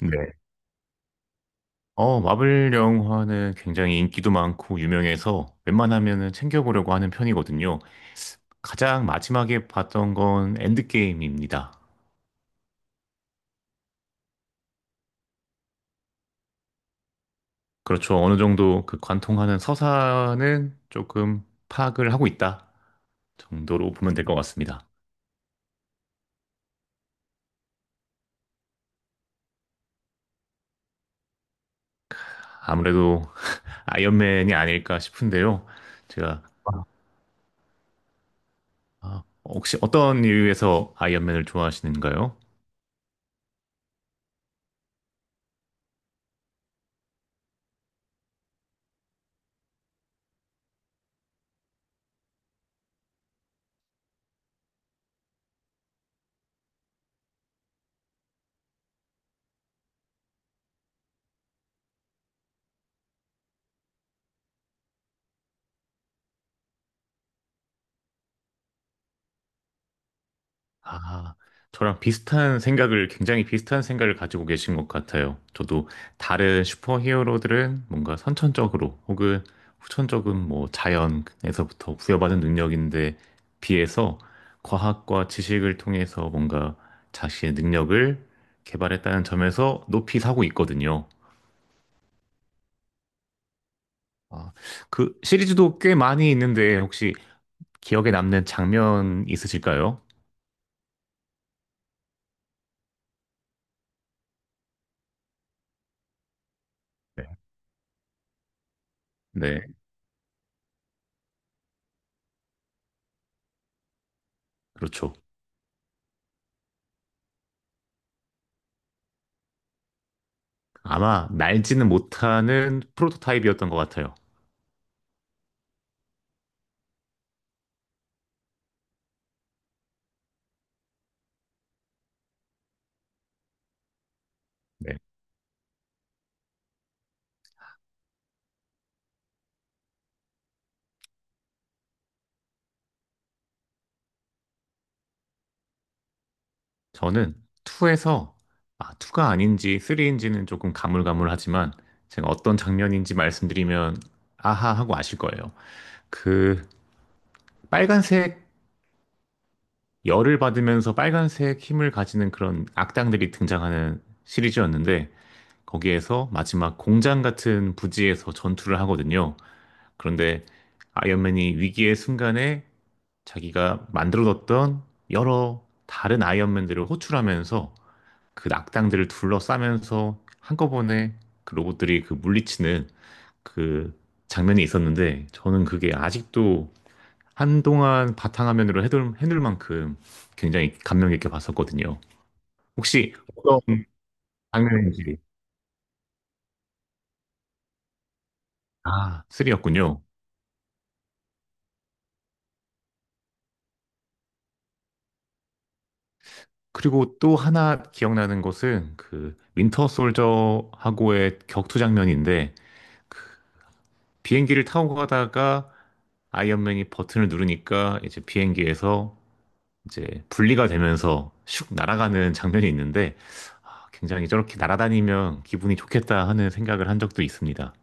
네. 마블 영화는 굉장히 인기도 많고 유명해서 웬만하면은 챙겨보려고 하는 편이거든요. 가장 마지막에 봤던 건 엔드게임입니다. 그렇죠. 어느 정도 그 관통하는 서사는 조금 파악을 하고 있다 정도로 보면 될 것 같습니다. 아무래도 아이언맨이 아닐까 싶은데요. 제가, 혹시 어떤 이유에서 아이언맨을 좋아하시는가요? 아, 저랑 비슷한 생각을, 굉장히 비슷한 생각을 가지고 계신 것 같아요. 저도 다른 슈퍼히어로들은 뭔가 선천적으로 혹은 후천적인 뭐 자연에서부터 부여받은 능력인데 비해서 과학과 지식을 통해서 뭔가 자신의 능력을 개발했다는 점에서 높이 사고 있거든요. 아, 그 시리즈도 꽤 많이 있는데 혹시 기억에 남는 장면 있으실까요? 네. 네, 그렇죠. 아마 날지는 못하는 프로토타입이었던 것 같아요. 네. 저는 2에서 2가 아닌지 3인지는 조금 가물가물하지만 제가 어떤 장면인지 말씀드리면 아하 하고 아실 거예요. 그 빨간색 열을 받으면서 빨간색 힘을 가지는 그런 악당들이 등장하는 시리즈였는데 거기에서 마지막 공장 같은 부지에서 전투를 하거든요. 그런데 아이언맨이 위기의 순간에 자기가 만들어 뒀던 여러 다른 아이언맨들을 호출하면서 그 악당들을 둘러싸면서 한꺼번에 그 로봇들이 그 물리치는 그 장면이 있었는데 저는 그게 아직도 한동안 바탕화면으로 해둘 만큼 굉장히 감명 깊게 봤었거든요. 혹시 어떤 장면인지. 아, 3였군요. 그리고 또 하나 기억나는 것은 그 윈터 솔저하고의 격투 장면인데 비행기를 타고 가다가 아이언맨이 버튼을 누르니까 이제 비행기에서 이제 분리가 되면서 슉 날아가는 장면이 있는데 아, 굉장히 저렇게 날아다니면 기분이 좋겠다 하는 생각을 한 적도 있습니다.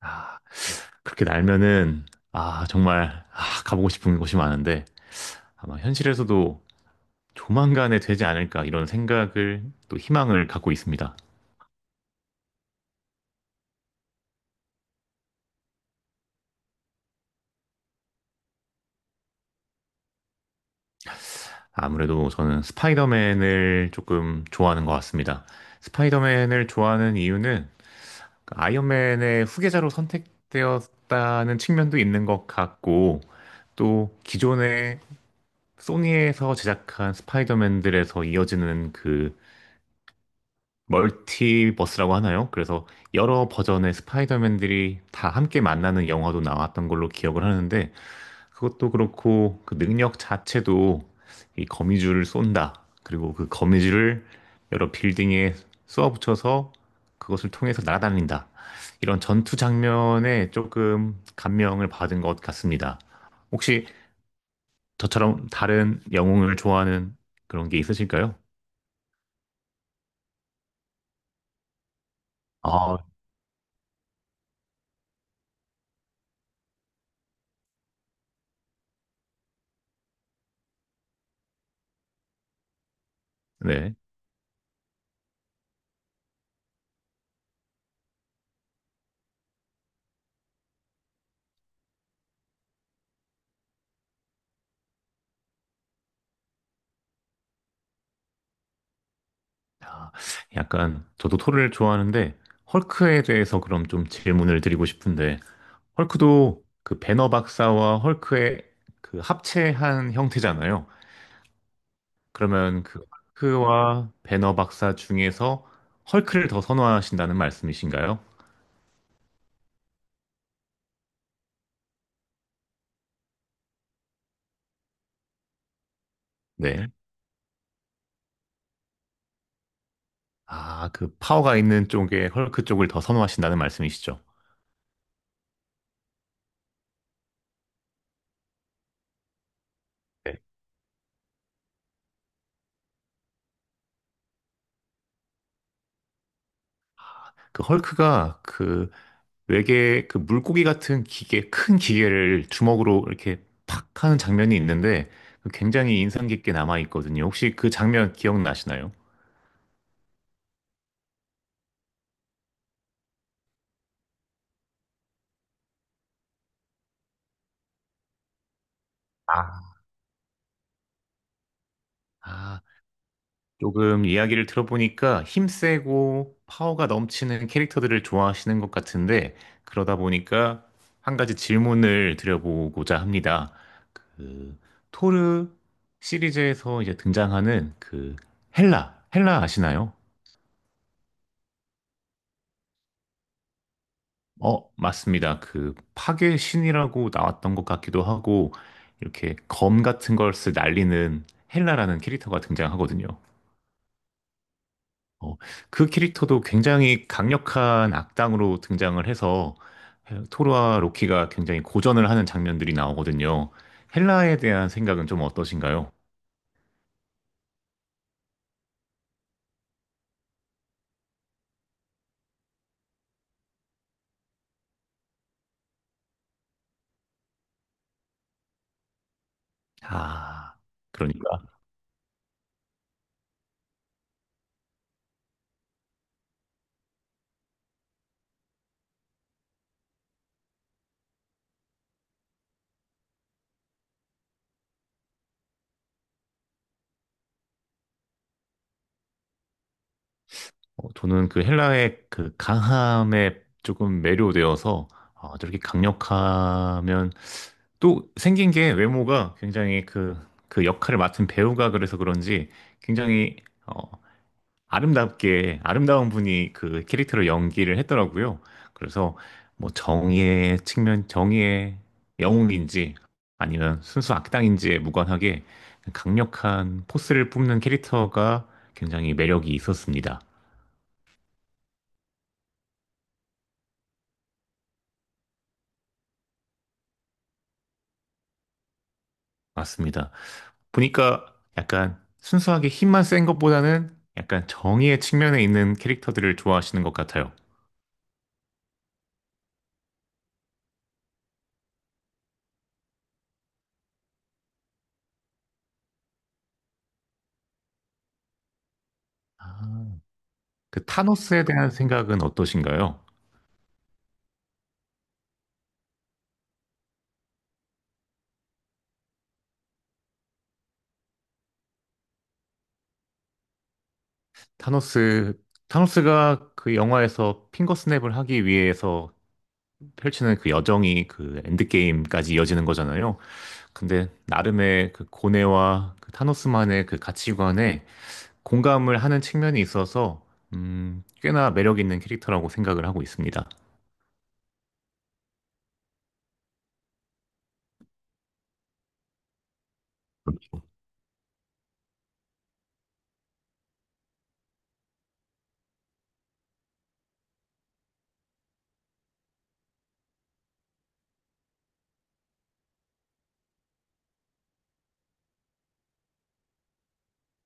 아, 그렇게 날면은 정말 가보고 싶은 곳이 많은데 아마 현실에서도 조만간에 되지 않을까 이런 생각을 또 희망을 갖고 있습니다. 아무래도 저는 스파이더맨을 조금 좋아하는 것 같습니다. 스파이더맨을 좋아하는 이유는 그 아이언맨의 후계자로 선택되었다는 측면도 있는 것 같고, 또 기존에 소니에서 제작한 스파이더맨들에서 이어지는 그 멀티버스라고 하나요? 그래서 여러 버전의 스파이더맨들이 다 함께 만나는 영화도 나왔던 걸로 기억을 하는데, 그것도 그렇고 그 능력 자체도 이 거미줄을 쏜다. 그리고 그 거미줄을 여러 빌딩에 쏘아붙여서 그것을 통해서 날아다닌다. 이런 전투 장면에 조금 감명을 받은 것 같습니다. 혹시 저처럼 다른 영웅을 좋아하는 그런 게 있으실까요? 아, 네. 아, 약간 저도 토를 좋아하는데 헐크에 대해서 그럼 좀 질문을 드리고 싶은데 헐크도 그 배너 박사와 헐크의 그 합체한 형태잖아요. 그러면 그 헐크와 배너 박사 중에서 헐크를 더 선호하신다는 말씀이신가요? 네. 아, 그 파워가 있는 쪽에 헐크 쪽을 더 선호하신다는 말씀이시죠? 네. 그 헐크가 그 외계 그 물고기 같은 기계, 큰 기계를 주먹으로 이렇게 팍 하는 장면이 있는데 그 굉장히 인상 깊게 남아 있거든요. 혹시 그 장면 기억나시나요? 아, 아, 조금 이야기를 들어보니까 힘세고 파워가 넘치는 캐릭터들을 좋아하시는 것 같은데, 그러다 보니까 한 가지 질문을 드려보고자 합니다. 그, 토르 시리즈에서 이제 등장하는 그 헬라, 헬라 아시나요? 맞습니다. 그 파괴 신이라고 나왔던 것 같기도 하고, 이렇게 검 같은 걸 쓰 날리는 헬라라는 캐릭터가 등장하거든요. 어, 그 캐릭터도 굉장히 강력한 악당으로 등장을 해서 토르와 로키가 굉장히 고전을 하는 장면들이 나오거든요. 헬라에 대한 생각은 좀 어떠신가요? 아, 그러니까 저는 그 헬라의 그 강함에 조금 매료되어서 저렇게 강력하면 또 생긴 게 외모가 굉장히 그, 그 역할을 맡은 배우가 그래서 그런지 굉장히 어, 아름답게 아름다운 분이 그 캐릭터를 연기를 했더라고요. 그래서 뭐 정의의 측면, 정의의 영웅인지 아니면 순수 악당인지에 무관하게 강력한 포스를 뿜는 캐릭터가 굉장히 매력이 있었습니다. 맞습니다. 보니까 약간 순수하게 힘만 센 것보다는 약간 정의의 측면에 있는 캐릭터들을 좋아하시는 것 같아요. 아. 그 타노스에 대한 생각은 어떠신가요? 타노스, 타노스가 그 영화에서 핑거스냅을 하기 위해서 펼치는 그 여정이 그 엔드게임까지 이어지는 거잖아요. 근데 나름의 그 고뇌와 그 타노스만의 그 가치관에 공감을 하는 측면이 있어서, 꽤나 매력 있는 캐릭터라고 생각을 하고 있습니다.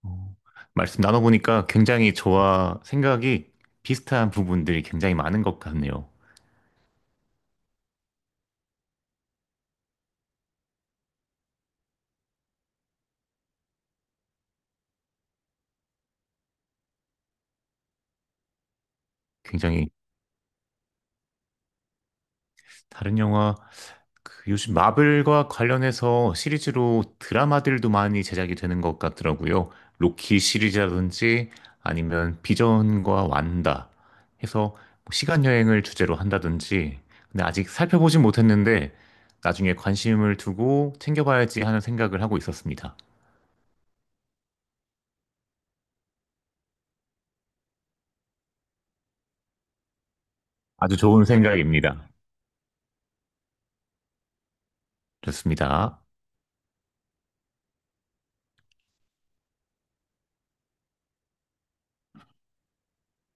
어, 말씀 나눠보니까 굉장히 저와 생각이 비슷한 부분들이 굉장히 많은 것 같네요. 굉장히 다른 영화, 그 요즘 마블과 관련해서 시리즈로 드라마들도 많이 제작이 되는 것 같더라고요. 로키 시리즈라든지 아니면 비전과 완다 해서 뭐 시간 여행을 주제로 한다든지. 근데 아직 살펴보진 못했는데 나중에 관심을 두고 챙겨봐야지 하는 생각을 하고 있었습니다. 아주 좋은 생각입니다. 좋습니다.